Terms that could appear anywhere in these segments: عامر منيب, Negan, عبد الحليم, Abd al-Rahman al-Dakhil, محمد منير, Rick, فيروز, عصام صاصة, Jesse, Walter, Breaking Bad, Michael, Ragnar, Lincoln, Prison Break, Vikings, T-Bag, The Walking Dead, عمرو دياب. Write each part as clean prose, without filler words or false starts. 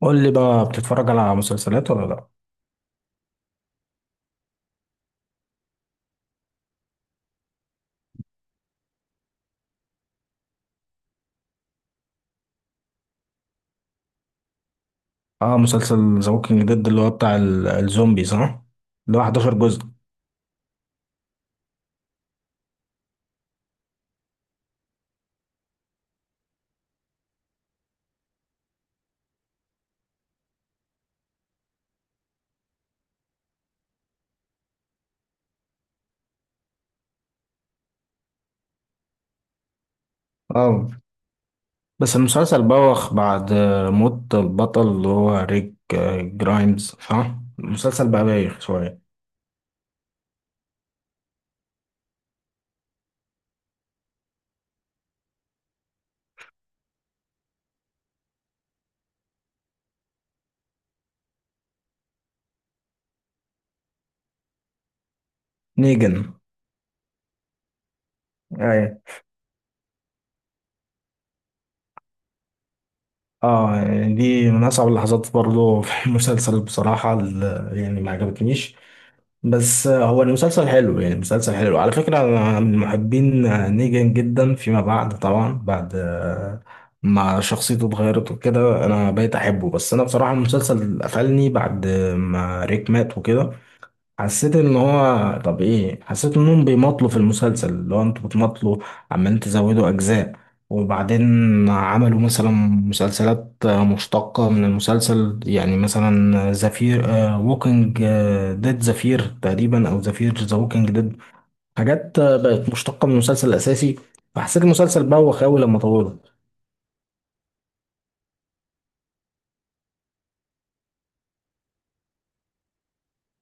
قول لي بقى بتتفرج على مسلسلات ولا لا؟ اه، مسلسل ذا ووكينج ديد اللي هو بتاع الزومبي صح. اللي هو 11 جزء. اه، بس المسلسل بوخ بعد موت البطل اللي هو ريك جرايمز، صح؟ المسلسل بقى بايخ شوية. نيجن. ايوه. اه يعني دي من اصعب اللحظات برضه في المسلسل، بصراحة يعني ما عجبتنيش. بس هو المسلسل حلو يعني، مسلسل حلو. على فكرة أنا من محبين نيجان جدا فيما بعد، طبعا بعد ما شخصيته اتغيرت وكده أنا بقيت أحبه. بس أنا بصراحة المسلسل قفلني بعد ما ريك مات وكده. حسيت ان هو طب ايه، حسيت انهم بيمطلوا في المسلسل، اللي هو انتوا بتمطلوا، عمالين تزودوا اجزاء. وبعدين عملوا مثلا مسلسلات مشتقة من المسلسل، يعني مثلا زفير ووكينج ديد زفير تقريبا، او زفير ذا ووكينج ديد. حاجات بقت مشتقة من المسلسل الاساسي. فحسيت المسلسل بوخ اوي لما طوله.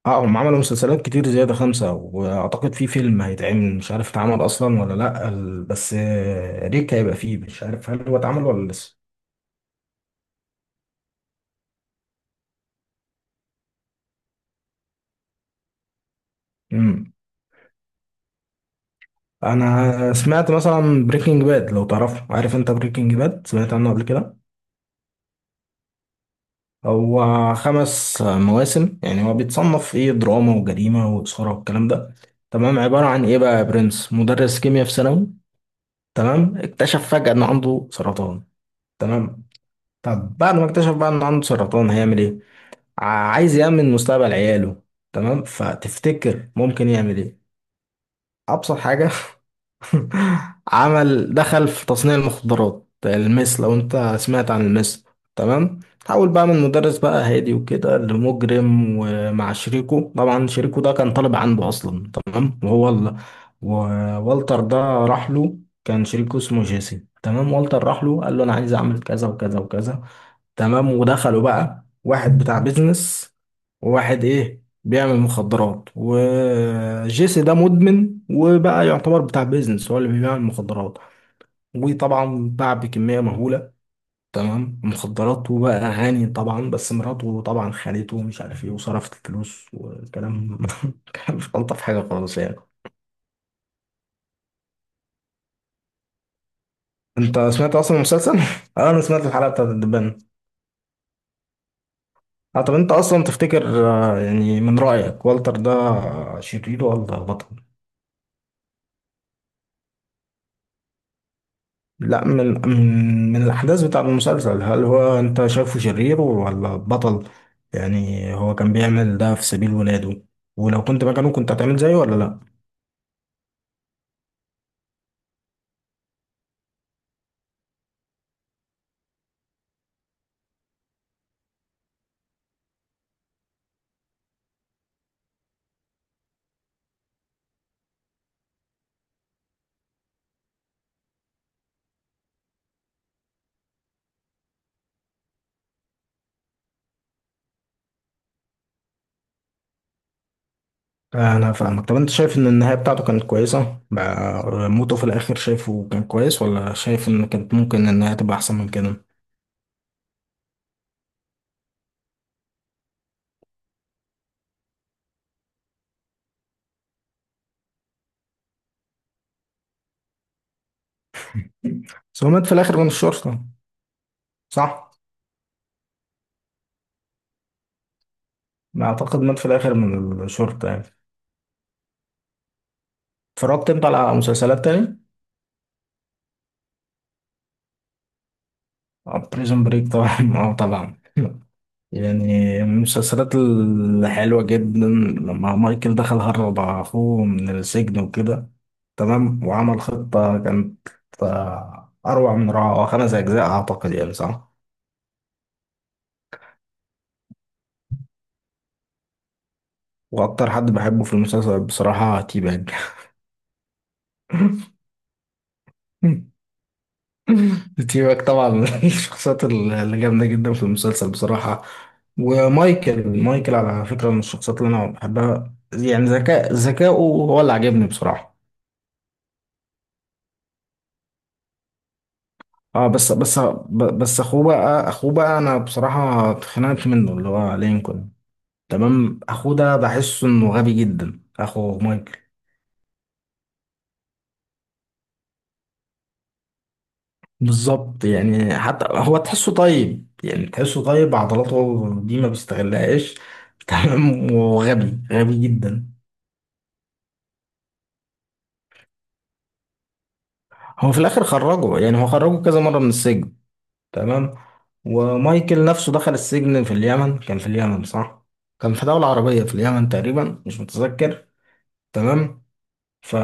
اه، هم عملوا مسلسلات كتير زيادة، خمسة، وأعتقد في فيلم هيتعمل مش عارف اتعمل أصلا ولا لأ. بس ريك هيبقى فيه، مش عارف هل هو اتعمل ولا لسه. مم. أنا سمعت مثلا بريكنج باد، لو تعرفه. عارف أنت بريكنج باد؟ سمعت عنه قبل كده؟ هو خمس مواسم. يعني هو بيتصنف إيه، دراما وجريمة وإثارة والكلام ده. تمام. عبارة عن إيه بقى يا برنس، مدرس كيمياء في ثانوي، تمام، اكتشف فجأة إن عنده سرطان. تمام. طب بعد ما اكتشف بقى إن عنده سرطان هيعمل إيه؟ عايز يأمن مستقبل عياله. تمام. فتفتكر ممكن يعمل ايه؟ ابسط حاجة. عمل، دخل في تصنيع المخدرات، المس. لو انت سمعت عن المس. تمام. حاول بقى من مدرس بقى هادي وكده لمجرم، ومع شريكه طبعا. شريكه ده كان طالب عنده اصلا، تمام. وهو ال... ووالتر ده راح له. كان شريكه اسمه جيسي، تمام. والتر راح له قال له انا عايز اعمل كذا وكذا وكذا. تمام. ودخلوا بقى واحد بتاع بيزنس وواحد ايه، بيعمل مخدرات. وجيسي ده مدمن وبقى يعتبر بتاع بيزنس، هو اللي بيبيع المخدرات. وطبعا باع بكمية مهولة، تمام، مخدرات. وبقى غني طبعا. بس مراته طبعا خانته ومش عارف ايه، وصرفت الفلوس والكلام. كان مش الطف حاجة خالص يعني. انت سمعت اصلا المسلسل؟ اه، انا سمعت الحلقة بتاعت الدبان. اه، طب انت اصلا تفتكر يعني من رأيك والتر ده شرير ولا بطل؟ لا، من الأحداث بتاع المسلسل، هل هو أنت شايفه شرير ولا بطل؟ يعني هو كان بيعمل ده في سبيل ولاده. ولو كنت مكانه كنت هتعمل زيه ولا لا؟ أنا فاهمك. طب أنت شايف إن النهاية بتاعته كانت كويسة بقى؟ موته في الآخر شايفه كان كويس، ولا شايف إن كانت ممكن النهاية تبقى أحسن من كده؟ بس هو مات في الآخر من الشرطة، صح؟ أعتقد مات في الآخر من الشرطة يعني. اتفرجت أنت على مسلسلات تاني؟ بريزون بريك، طبعا. اه طبعا. يعني من المسلسلات الحلوة جدا، لما مايكل دخل هرب أخوه من السجن وكده. تمام. وعمل خطة كانت أروع من روعة. هو خمس أجزاء أعتقد، يعني صح. وأكتر حد بحبه في المسلسل بصراحة تيباج. تيباج طبعا من الشخصيات اللي جامدة جدا في المسلسل بصراحة. ومايكل، مايكل على فكرة من الشخصيات اللي أنا بحبها. يعني ذكاء، ذكائه هو اللي عجبني بصراحة. اه، بس اخوه بقى، اخوه بقى، انا بصراحة اتخنقت منه، اللي هو لينكولن. تمام. اخوه ده بحسه انه غبي جدا، اخو مايكل. بالظبط. يعني حتى هو تحسه طيب، يعني تحسه طيب، عضلاته دي ما بيستغلهاش. تمام. وغبي غبي جدا. هو في الاخر خرجه يعني، هو خرجه كذا مرة من السجن. تمام. ومايكل نفسه دخل السجن في اليمن، كان في اليمن صح؟ كان في دولة عربية، في اليمن تقريبا، مش متذكر. تمام. ف،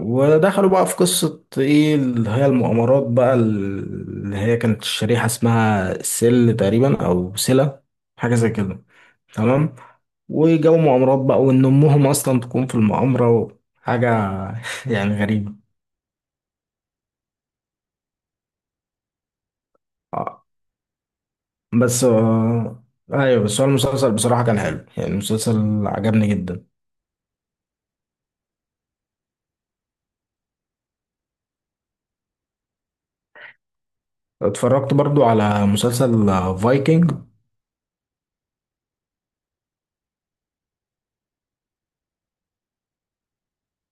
ودخلوا بقى في قصة ايه، اللي هي المؤامرات بقى، اللي هي كانت الشريحة اسمها سل تقريبا، او سلة، حاجة زي كده. تمام. وجو مؤامرات بقى، وان امهم اصلا تكون في المؤامرة، حاجة يعني غريبة. آه، بس ايوه، بس هو المسلسل بصراحة كان حلو، يعني المسلسل عجبني جدا. اتفرجت برضو على مسلسل فايكنج؟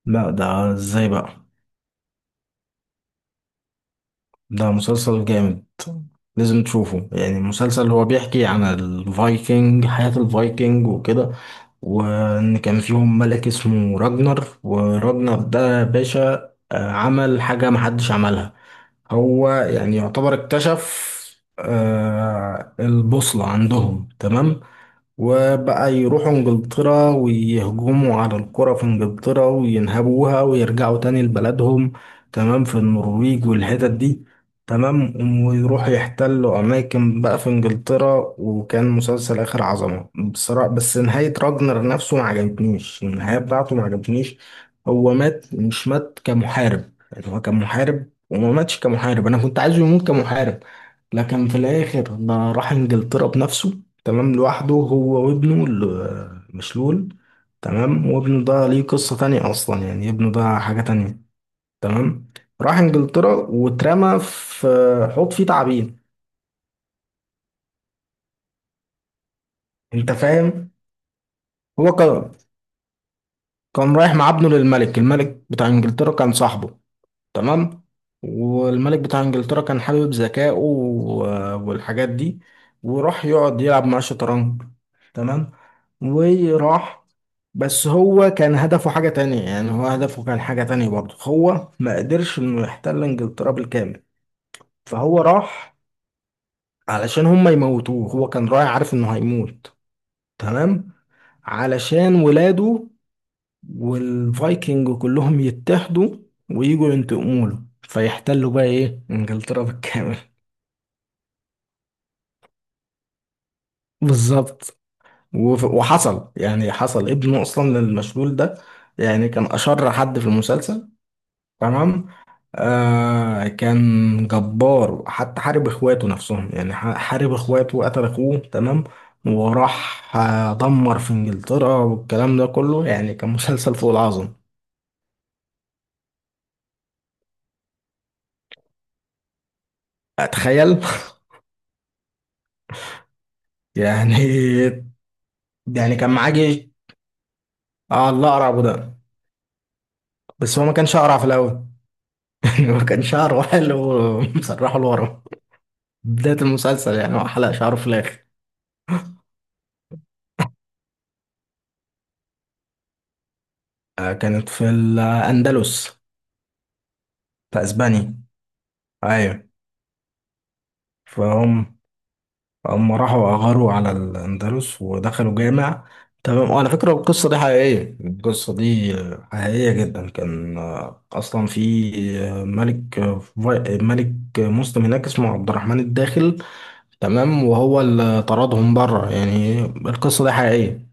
لا ده ازاي بقى؟ ده مسلسل جامد، لازم تشوفه. يعني مسلسل هو بيحكي عن الفايكنج، حياة الفايكنج وكده. وان كان فيهم ملك اسمه راجنر. وراجنر ده باشا عمل حاجة محدش عملها. هو يعني يعتبر اكتشف البوصلة عندهم. تمام. وبقى يروحوا انجلترا ويهجموا على القرى في انجلترا وينهبوها ويرجعوا تاني لبلدهم. تمام، في النرويج والحتت دي. تمام. ويروحوا يحتلوا أماكن بقى في انجلترا. وكان مسلسل آخر عظمة بصراحة. بس نهاية راجنر نفسه ما عجبتنيش، النهاية بتاعته ما عجبتنيش. هو مات مش مات كمحارب، يعني هو كان محارب وما ماتش كمحارب، أنا كنت عايزه يموت كمحارب. لكن في الآخر ده راح انجلترا بنفسه، تمام، لوحده هو وابنه مشلول. تمام. وابنه ده ليه قصة تانية أصلا، يعني ابنه ده حاجة تانية. تمام. راح إنجلترا واترمى في حوض فيه تعابين. أنت فاهم؟ هو كان رايح مع ابنه للملك، الملك بتاع إنجلترا كان صاحبه. تمام. والملك بتاع انجلترا كان حابب ذكائه والحاجات دي. وراح يقعد يلعب مع الشطرنج. تمام. وراح، بس هو كان هدفه حاجة تانية، يعني هو هدفه كان حاجة تانية برضه. هو ما قدرش انه يحتل انجلترا بالكامل، فهو راح علشان هم يموتوه. هو كان رايح عارف انه هيموت، تمام، علشان ولاده والفايكنج كلهم يتحدوا ويجوا ينتقموا له، فيحتلوا بقى ايه، انجلترا بالكامل. بالظبط. وحصل يعني، حصل ابنه اصلا للمشلول ده، يعني كان اشر حد في المسلسل. تمام. كان جبار، حتى حارب اخواته نفسهم، يعني حارب اخواته وقتل اخوه. تمام. وراح دمر في انجلترا والكلام ده كله. يعني كان مسلسل فوق العظم. اتخيل. يعني، كان معاه جيش. اه، الله، اقرع ابو ده. بس هو ما كانش اقرع في الاول. يعني ما كان شعره حلو، مسرحه لورا بدايه المسلسل. يعني هو حلق شعره في الاخر. آه كانت في الاندلس، في اسبانيا. ايوه. فهم، هم راحوا اغاروا على الاندلس ودخلوا جامع. تمام. وعلى فكره القصه دي حقيقيه، القصه دي حقيقيه جدا. كان اصلا في ملك، ملك مسلم هناك اسمه عبد الرحمن الداخل. تمام. وهو اللي طردهم بره، يعني القصة دي حقيقية.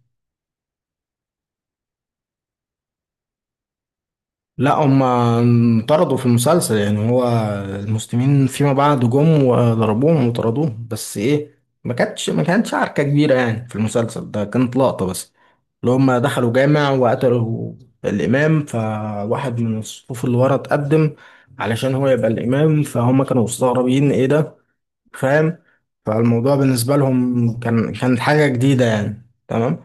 لا هم انطردوا في المسلسل، يعني هو المسلمين فيما بعد جم وضربوهم وطردوهم، بس ايه، ما كانتش عركة كبيرة. يعني في المسلسل ده كانت لقطة بس، اللي هم دخلوا جامع وقتلوا الإمام، فواحد من الصفوف اللي ورا اتقدم علشان هو يبقى الإمام. فهم كانوا مستغربين ايه ده، فاهم؟ فالموضوع بالنسبة لهم كان، كانت حاجة جديدة يعني. تمام.